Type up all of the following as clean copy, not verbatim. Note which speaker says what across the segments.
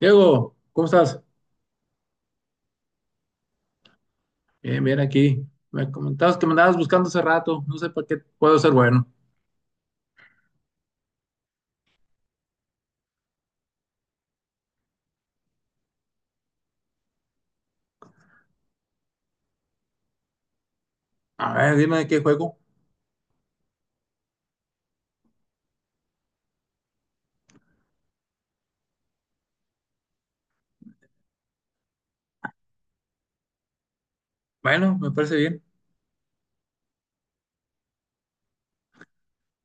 Speaker 1: Diego, ¿cómo estás? Bien, bien aquí. Me comentabas que me andabas buscando hace rato. No sé para qué puedo ser bueno. A ver, dime de qué juego. Bueno, me parece bien.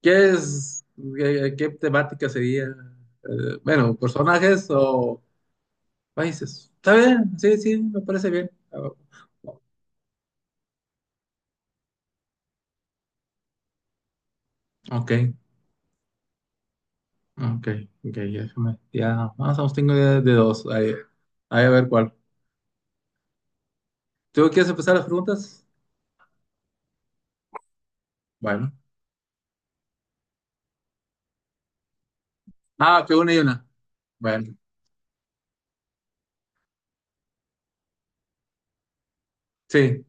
Speaker 1: ¿Qué es? ¿Qué temática sería? Bueno, ¿personajes o países? Está bien, sí, sí, me parece bien. Ah, ok, ok, ok, ya, ya, más o menos tengo idea de dos. Ahí a ver cuál. ¿Tú quieres empezar las preguntas? Bueno. Ah, que una y una. Bueno, sí,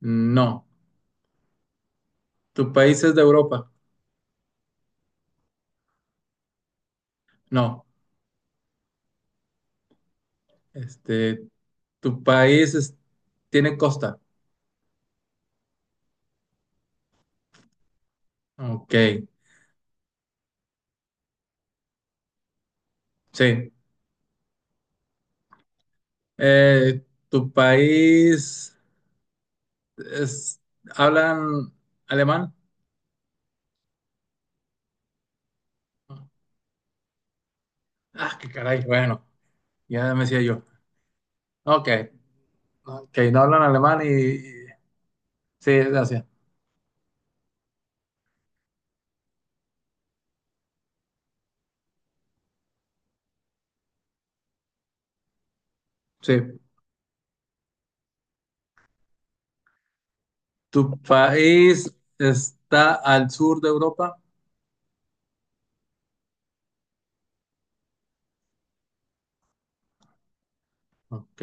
Speaker 1: no. ¿Tu país es de Europa? No. Este, ¿tu país es- ¿tiene costa? Ok, sí. Eh, ¿Tu país es, hablan alemán? Ah, qué caray, bueno, ya me decía yo. Ok, ok, no hablan alemán y... y- sí, es de Asia. Sí. ¿Tu país está al sur de Europa? Ok.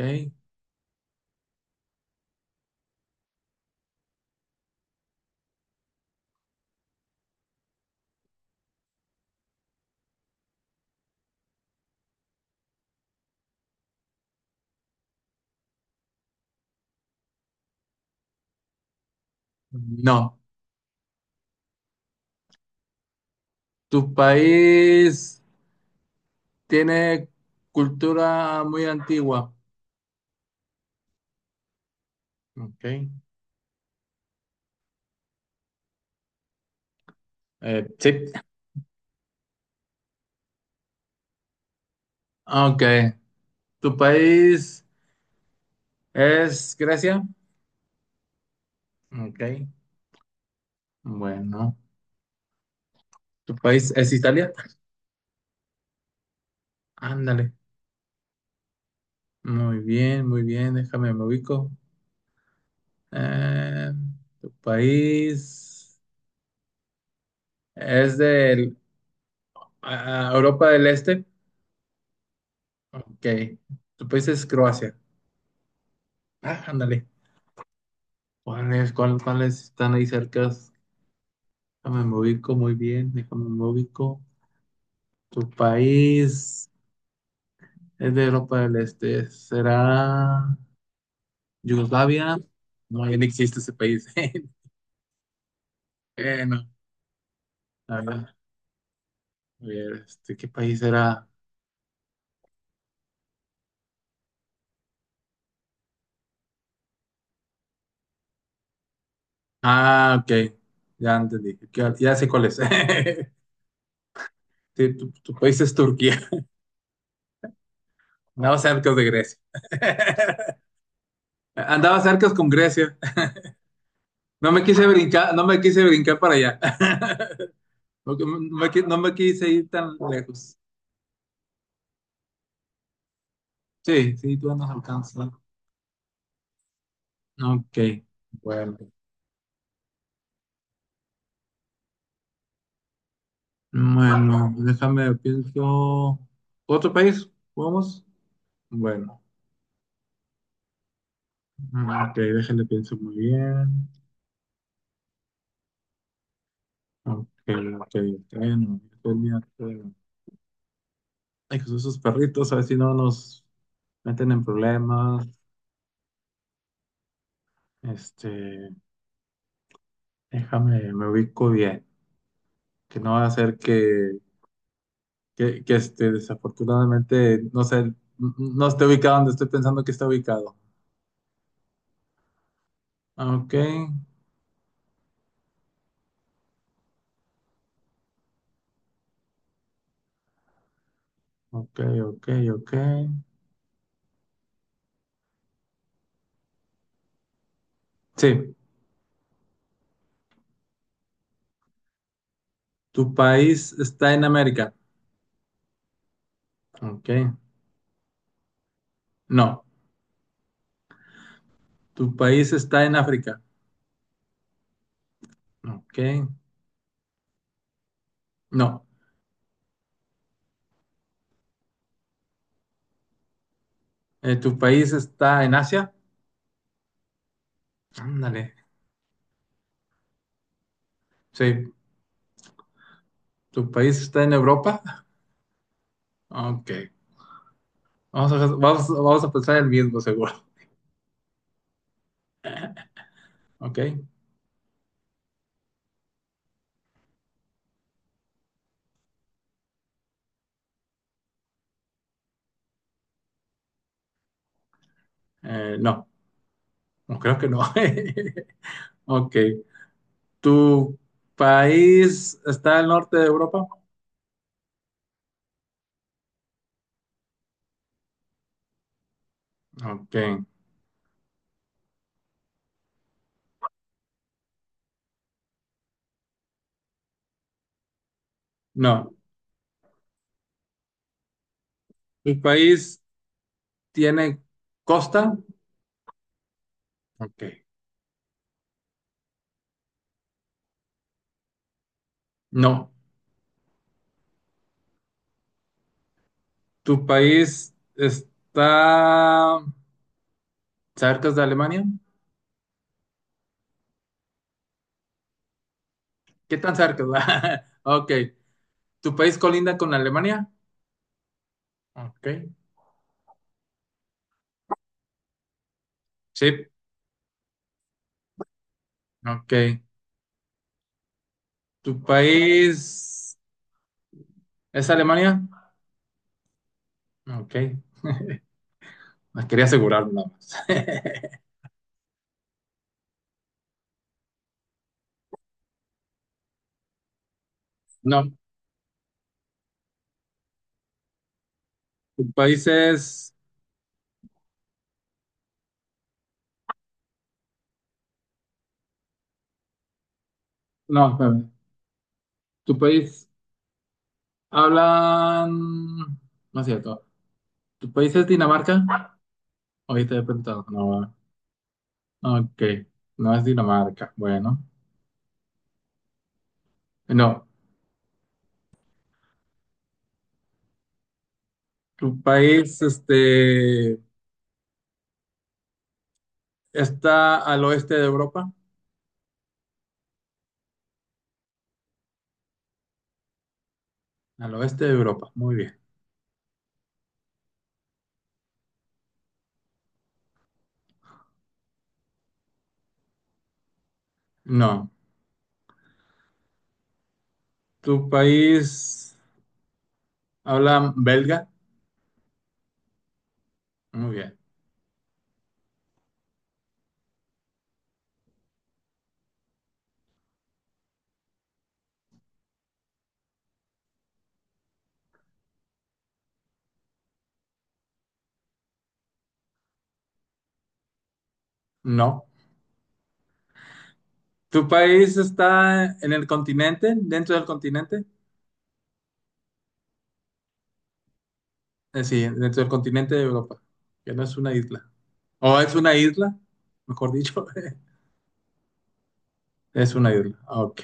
Speaker 1: No. ¿Tu país tiene cultura muy antigua? Ok. Sí. Ok. ¿Tu país es Grecia? Ok. Bueno. ¿Tu país es Italia? Ándale. Muy bien, muy bien. Déjame, me ubico. Eh, ¿Tu país es de Europa del Este? Ok. ¿Tu país es Croacia? Ah, ándale. ¿Cuáles están ahí cerca? Déjame, me ubico muy bien. Déjame, me ubico. ¿Tu país? Es de Europa del Este. ¿Será Yugoslavia? No, ya no existe ese país. Bueno, a ver, este, ¿qué país era? Ah, ok. Ya entendí. Ya, ya sé cuál es. Sí, tu país es Turquía. Andaba cerca de Grecia. Andaba cerca con Grecia. No me quise brincar para allá. No, no no me quise ir tan lejos. Sí, sí, tú andas alcanzando. Ok, bueno. Bueno, déjame, pienso. ¿Otro país? ¿Vamos? Bueno, ok, déjenle, pienso muy bien. Ok, ok, bueno, Italia, pero- ay, Jesús, esos perritos, a ver si no nos meten en problemas. Este, déjame, me ubico bien. Que no va a ser que, que, este, desafortunadamente, no sé, no esté ubicado donde estoy pensando que está ubicado. Ok, ok, ok, ok. Sí. ¿Tu país está en América? Ok. No. ¿Tu país está en África? Ok. No. ¿Tu país está en Asia? Ándale. Sí. ¿Tu país está en Europa? Ok. Vamos a pensar el mismo, seguro. Ok. No. No creo que no. Ok. ¿Tu país está al norte de Europa? Ok. No. ¿Tu país tiene costa? Ok. No. ¿Tu país está cerca de Alemania? ¿Qué tan cerca? Ok. ¿Tu país colinda con Alemania? Ok. Sí. Ok. ¿Tu país es Alemania? Ok. Me quería asegurarme nada más. No. ¿Tu país es... no, espérame. ¿Tu país hablan... no es cierto. ¿Tu país es Dinamarca? Ahorita he preguntado. No. Ok. No es Dinamarca. Bueno. No. Tu país, este, está al oeste de Europa. Al oeste de Europa, muy bien. No. Tu país habla belga. Muy bien. No. Tu país está en el continente, dentro del continente. Sí, dentro del continente de Europa, que no es una isla. O es una isla, mejor dicho. Es una isla. Ok.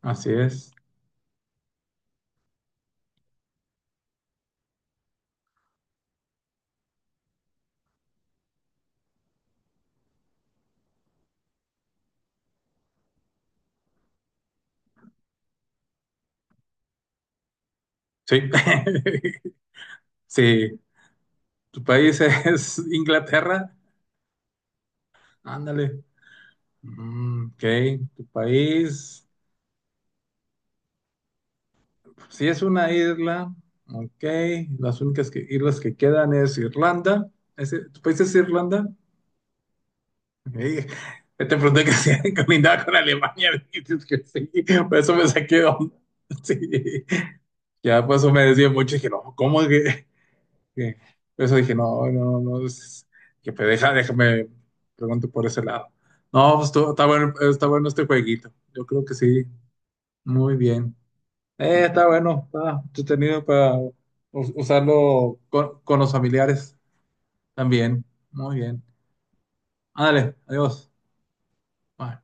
Speaker 1: Así es. Sí. Sí. Tu país es Inglaterra. Ándale. Mm, ok, tu país, si es una isla, ok, islas que quedan es Irlanda. ¿Tu país es Irlanda? Ok. Te pregunté que si colindaba con Alemania, dices que sí, por eso me saqué de onda. Sí, ya por eso me decía mucho, dije, no, ¿cómo es que? que- por eso dije, no, no, no, que pues, déjame, pregunto por ese lado. No, está bueno este jueguito, yo creo que sí, muy bien. Está bueno, está entretenido para usarlo con los familiares también. Muy bien. Ándale, adiós. Bye.